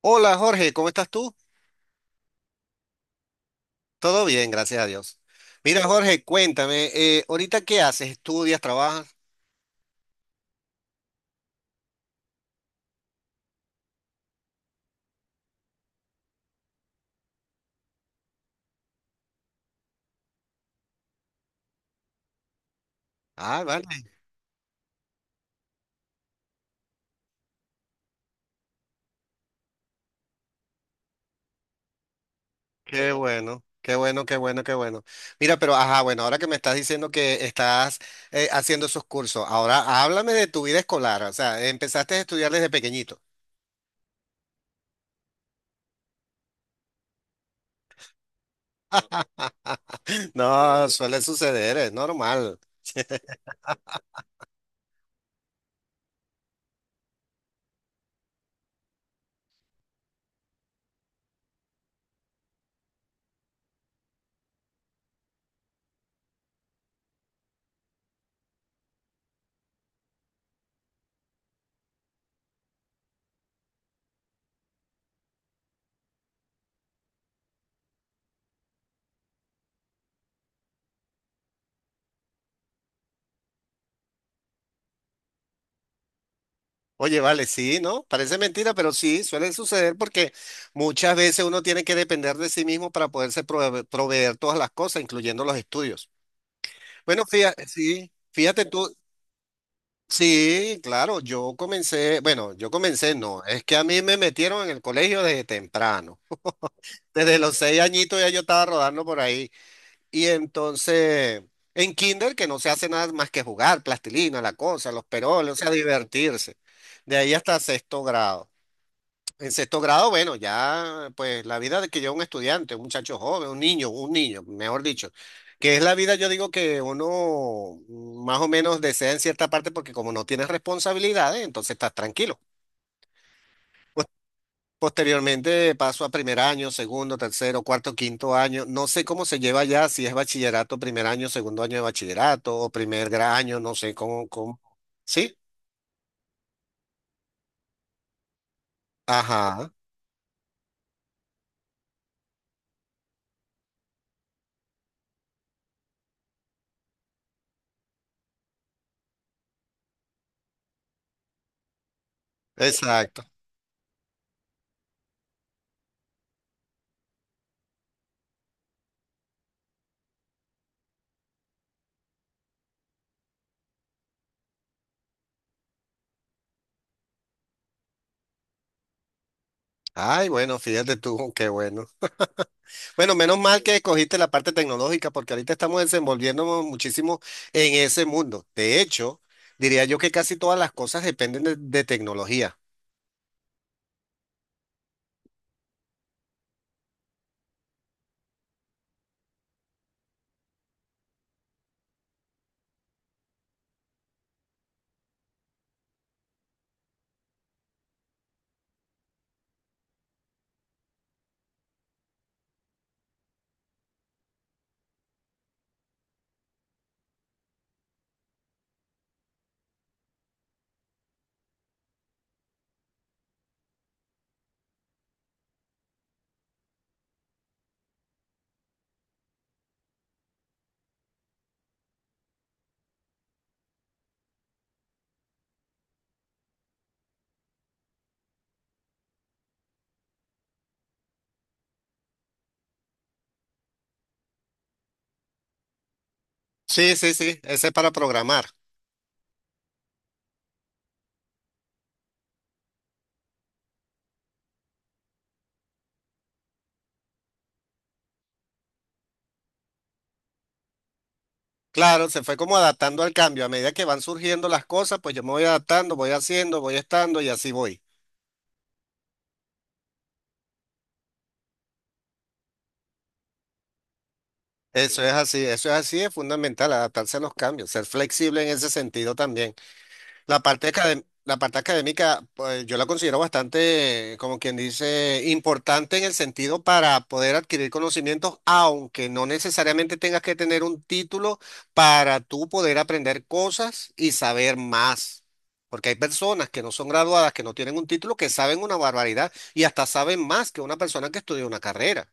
Hola Jorge, ¿cómo estás tú? Todo bien, gracias a Dios. Mira Jorge, cuéntame, ¿ahorita qué haces? ¿Estudias, trabajas? Ah, vale, qué bueno, qué bueno, qué bueno, qué bueno. Mira, pero ajá, bueno, ahora que me estás diciendo que estás haciendo esos cursos, ahora háblame de tu vida escolar, o sea, empezaste a estudiar desde pequeñito. No, suele suceder, es normal. Oye, vale, sí, ¿no? Parece mentira, pero sí, suele suceder porque muchas veces uno tiene que depender de sí mismo para poderse proveer todas las cosas, incluyendo los estudios. Bueno, fíjate, sí, fíjate tú, sí, claro, yo comencé, bueno, yo comencé, no, es que a mí me metieron en el colegio desde temprano. Desde los seis añitos ya yo estaba rodando por ahí. Y entonces, en kinder, que no se hace nada más que jugar, plastilina, la cosa, los peroles, o sea, divertirse. De ahí hasta sexto grado. En sexto grado, bueno, ya pues la vida de que lleva un estudiante, un muchacho joven, un niño, mejor dicho, que es la vida, yo digo que uno más o menos desea en cierta parte porque como no tienes responsabilidades, entonces estás tranquilo. Pos- Posteriormente paso a primer año, segundo, tercero, cuarto, quinto año. No sé cómo se lleva ya, si es bachillerato, primer año, segundo año de bachillerato o primer año, no sé cómo, cómo. ¿Sí? Ajá, exacto. Ay, bueno, fíjate tú, qué bueno. Bueno, menos mal que escogiste la parte tecnológica porque ahorita estamos desenvolviéndonos muchísimo en ese mundo. De hecho, diría yo que casi todas las cosas dependen de tecnología. Sí, sí, sí, ese es para programar. Claro, se fue como adaptando al cambio. A medida que van surgiendo las cosas, pues yo me voy adaptando, voy haciendo, voy estando y así voy. Eso es así, es fundamental, adaptarse a los cambios, ser flexible en ese sentido también. La parte académica, pues, yo la considero bastante, como quien dice, importante en el sentido para poder adquirir conocimientos, aunque no necesariamente tengas que tener un título para tú poder aprender cosas y saber más. Porque hay personas que no son graduadas, que no tienen un título, que saben una barbaridad y hasta saben más que una persona que estudió una carrera.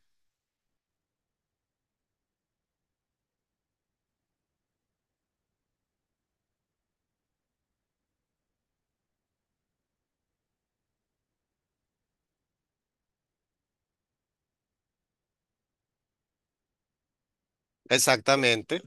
Exactamente.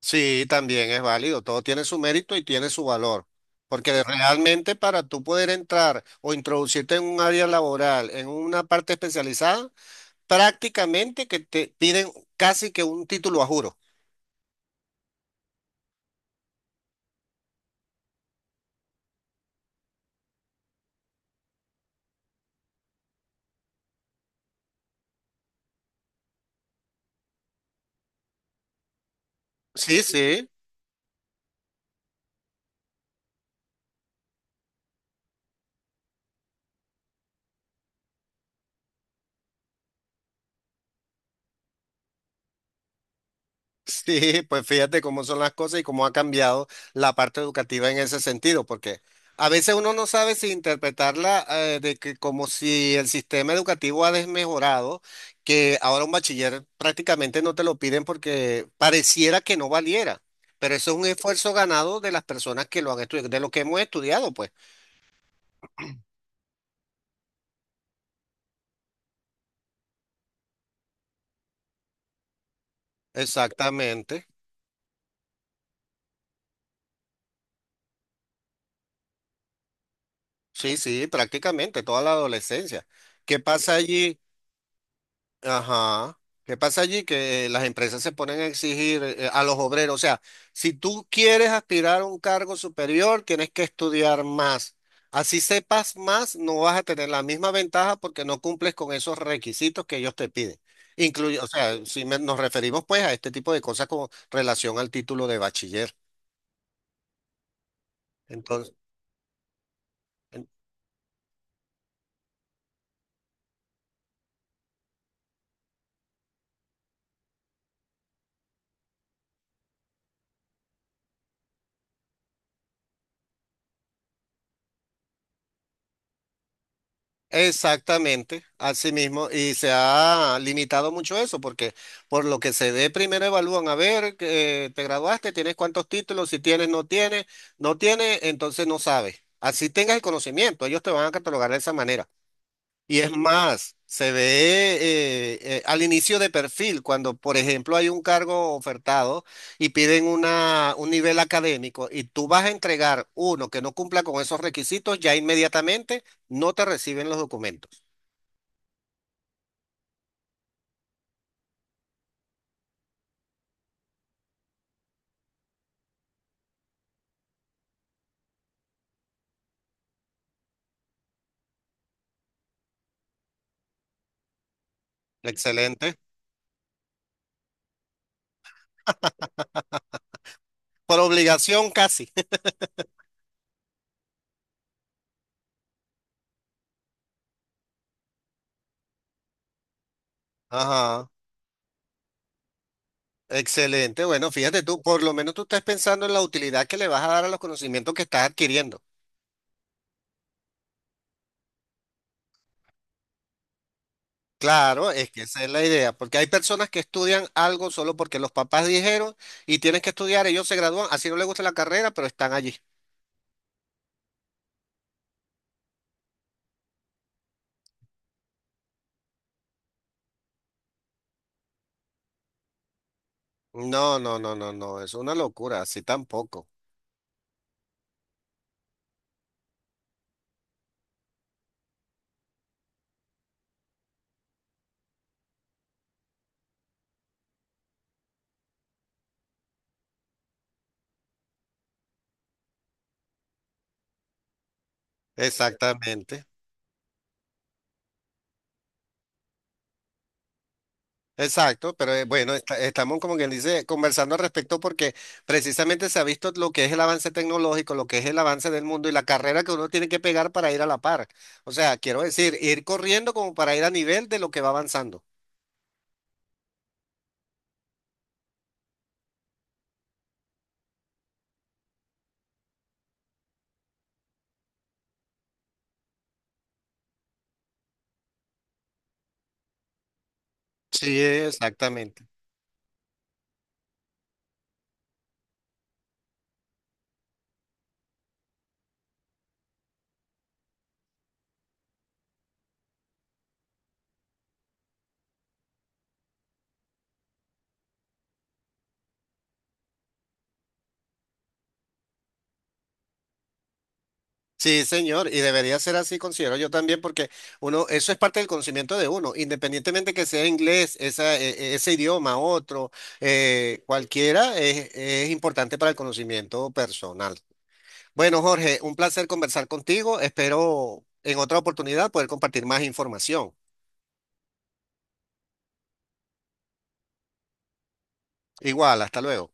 Sí, también es válido, todo tiene su mérito y tiene su valor, porque realmente para tú poder entrar o introducirte en un área laboral, en una parte especializada, prácticamente que te piden casi que un título a juro. Sí, sí. Sí, pues fíjate cómo son las cosas y cómo ha cambiado la parte educativa en ese sentido, porque a veces uno no sabe si interpretarla de que como si el sistema educativo ha desmejorado, que ahora un bachiller prácticamente no te lo piden porque pareciera que no valiera, pero eso es un esfuerzo ganado de las personas que lo han estudiado, de lo que hemos estudiado, pues. Exactamente. Sí, sí, prácticamente toda la adolescencia. ¿Qué pasa allí? Ajá. ¿Qué pasa allí? Que las empresas se ponen a exigir a los obreros. O sea, si tú quieres aspirar a un cargo superior, tienes que estudiar más. Así sepas más, no vas a tener la misma ventaja porque no cumples con esos requisitos que ellos te piden. Incluye, o sea, si nos referimos pues a este tipo de cosas con relación al título de bachiller. Entonces, exactamente, así mismo, y se ha limitado mucho eso, porque por lo que se ve, primero evalúan a ver, que te graduaste, tienes cuántos títulos, si tienes, no tienes, no tienes, entonces no sabes. Así tengas el conocimiento, ellos te van a catalogar de esa manera. Y es más, se ve al inicio de perfil, cuando, por ejemplo, hay un cargo ofertado y piden una, un nivel académico y tú vas a entregar uno que no cumpla con esos requisitos, ya inmediatamente no te reciben los documentos. Excelente. Por obligación casi. Ajá. Excelente. Bueno, fíjate tú, por lo menos tú estás pensando en la utilidad que le vas a dar a los conocimientos que estás adquiriendo. Claro, es que esa es la idea, porque hay personas que estudian algo solo porque los papás dijeron y tienes que estudiar, ellos se gradúan, así no les gusta la carrera, pero están allí. No, no, no, no, no, es una locura, así tampoco. Exactamente. Exacto, pero bueno, estamos como quien dice conversando al respecto porque precisamente se ha visto lo que es el avance tecnológico, lo que es el avance del mundo y la carrera que uno tiene que pegar para ir a la par. O sea, quiero decir, ir corriendo como para ir a nivel de lo que va avanzando. Sí, exactamente. Sí, señor, y debería ser así, considero yo también, porque uno, eso es parte del conocimiento de uno, independientemente que sea inglés, esa, ese idioma, otro, cualquiera, es importante para el conocimiento personal. Bueno, Jorge, un placer conversar contigo. Espero en otra oportunidad poder compartir más información. Igual, hasta luego.